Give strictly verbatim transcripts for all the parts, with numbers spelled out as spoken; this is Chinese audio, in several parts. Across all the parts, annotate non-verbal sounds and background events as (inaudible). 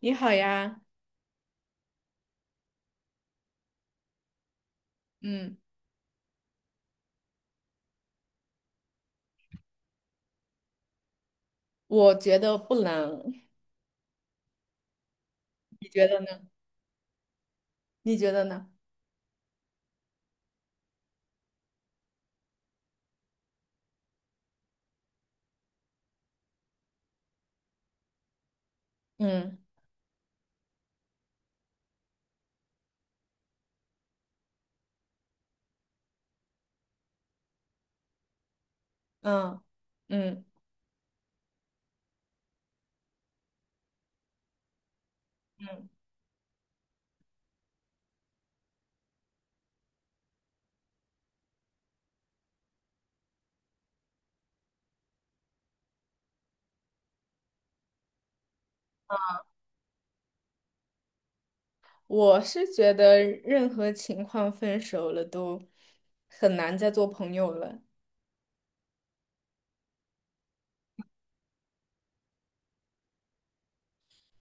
你好呀。嗯，我觉得不冷，你觉得呢？你觉得呢？嗯嗯嗯。嗯，我是觉得任何情况分手了都很难再做朋友了。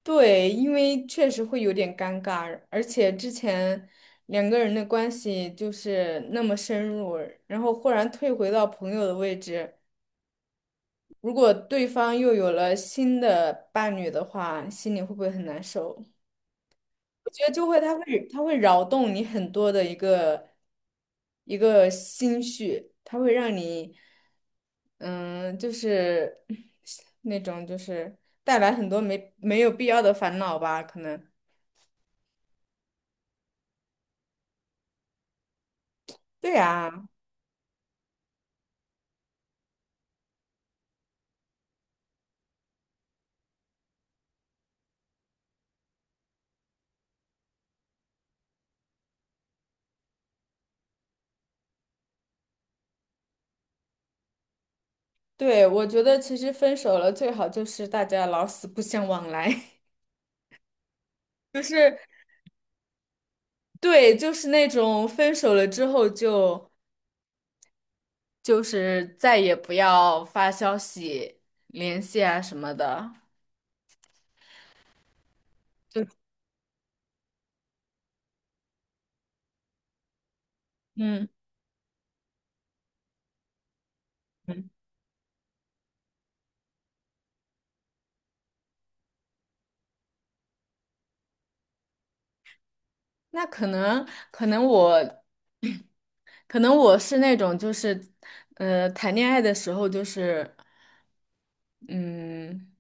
对，因为确实会有点尴尬，而且之前两个人的关系就是那么深入，然后忽然退回到朋友的位置，如果对方又有了新的伴侣的话，心里会不会很难受？我觉得就会，他会，他会扰动你很多的一个一个心绪，他会让你，嗯，就是那种就是带来很多没没有必要的烦恼吧，可能。对啊，对，我觉得其实分手了最好就是大家老死不相往来。(laughs) 就是对，就是那种分手了之后就就是再也不要发消息联系啊什么的，就嗯。那可能可能我 (clears throat) 可能我是那种就是，呃，谈恋爱的时候就是，嗯，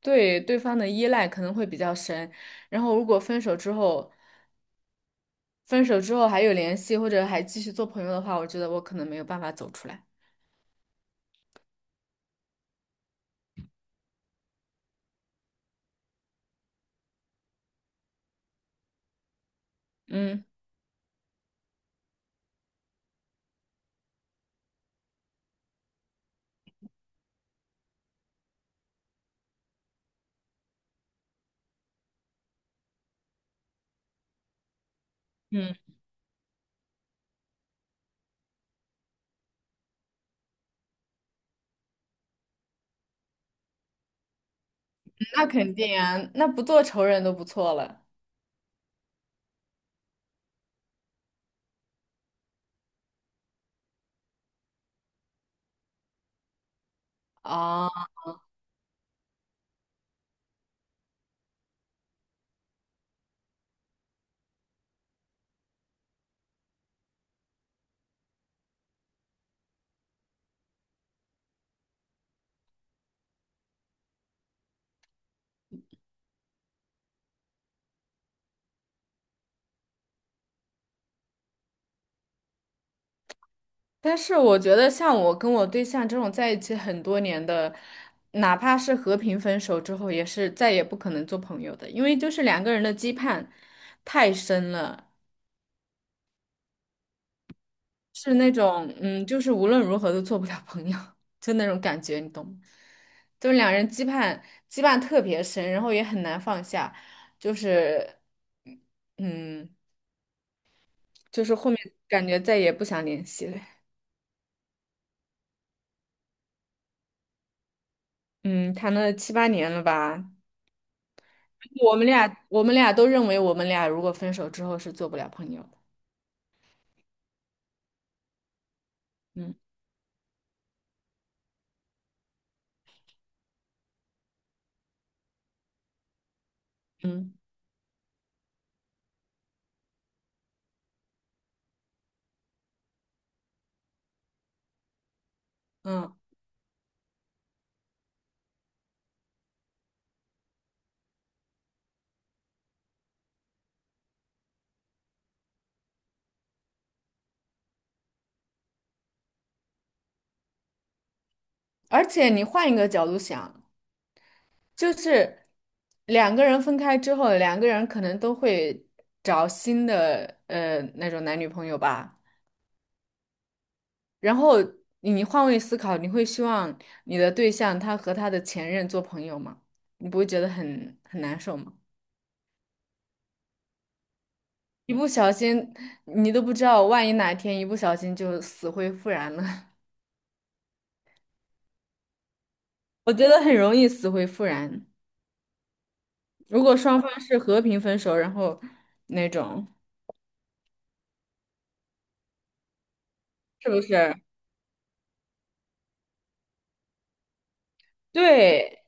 对对方的依赖可能会比较深，然后如果分手之后，分手之后还有联系或者还继续做朋友的话，我觉得我可能没有办法走出来。嗯嗯。那肯定啊，那不做仇人都不错了。啊，但是我觉得，像我跟我对象这种在一起很多年的，哪怕是和平分手之后，也是再也不可能做朋友的，因为就是两个人的羁绊太深了，是那种嗯，就是无论如何都做不了朋友，(laughs) 就那种感觉，你懂吗？就是两人羁绊羁绊特别深，然后也很难放下，就是嗯，就是后面感觉再也不想联系了。嗯，谈了七八年了吧。我们俩我们俩都认为我们俩如果分手之后是做不了朋友的。嗯嗯嗯。而且你换一个角度想，就是两个人分开之后，两个人可能都会找新的呃那种男女朋友吧。然后你你换位思考，你会希望你的对象他和他的前任做朋友吗？你不会觉得很很难受吗？一不小心，你都不知道，万一哪天一不小心就死灰复燃了。我觉得很容易死灰复燃。如果双方是和平分手，然后那种是不是？对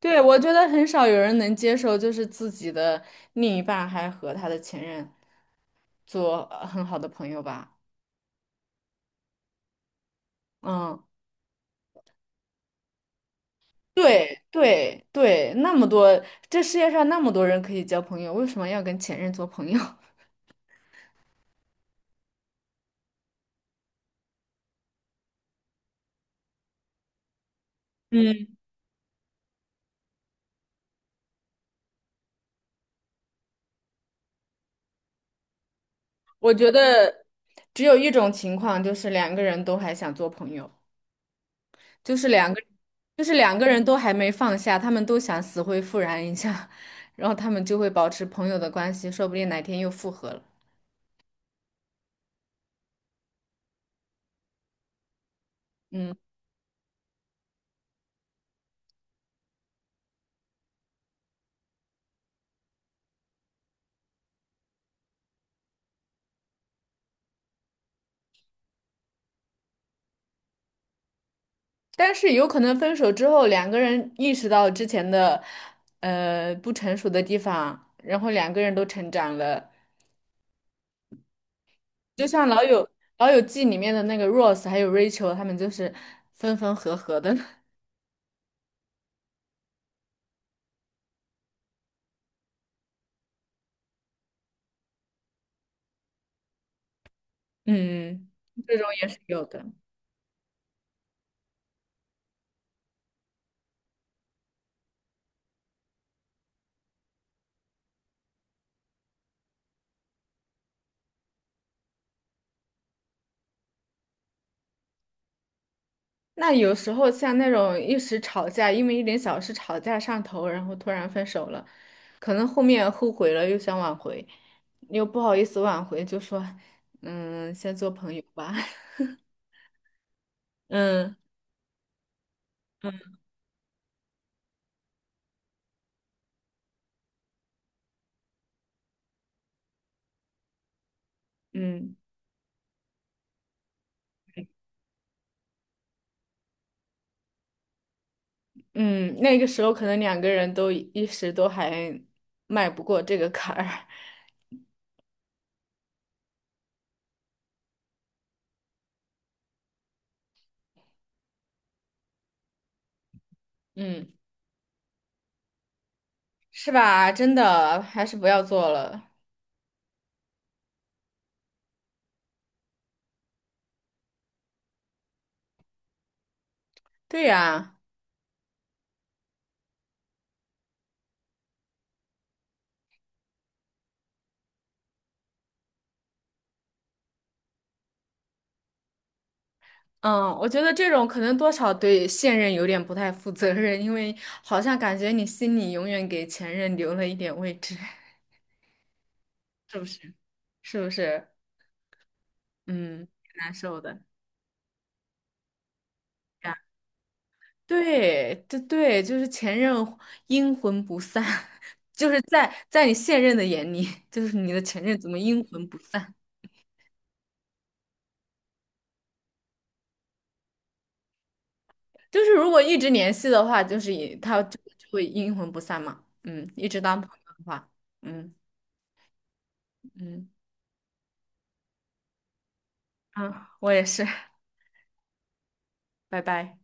对，我觉得很少有人能接受，就是自己的另一半还和他的前任做呃很好的朋友吧。嗯，对对对，那么多，这世界上那么多人可以交朋友，为什么要跟前任做朋友？(laughs) 嗯，我觉得只有一种情况，就是两个人都还想做朋友。就是两个，就是两个人都还没放下，他们都想死灰复燃一下，(laughs) 然后他们就会保持朋友的关系，说不定哪天又复合了。嗯，但是有可能分手之后，两个人意识到之前的呃不成熟的地方，然后两个人都成长了，就像老友老友记里面的那个 Rose 还有 Rachel,他们就是分分合合的。(laughs) 嗯，嗯这种也是有的。那有时候像那种一时吵架，因为一点小事吵架上头，然后突然分手了，可能后面后悔了，又想挽回，又不好意思挽回，就说，嗯，先做朋友吧。(laughs) 嗯嗯嗯，那个时候可能两个人都一时都还迈不过这个坎儿。(laughs) 嗯，是吧？真的，还是不要做了。对呀。嗯，我觉得这种可能多少对现任有点不太负责任，因为好像感觉你心里永远给前任留了一点位置。(laughs) 是不是？是不是？嗯，挺难受的。这样对，对对，就是前任阴魂不散。(laughs) 就是在在你现任的眼里，(laughs) 就是你的前任怎么阴魂不散？就是如果一直联系的话，就是也他就就会阴魂不散嘛。嗯，一直当朋友的话，嗯嗯嗯，啊我也是，拜拜。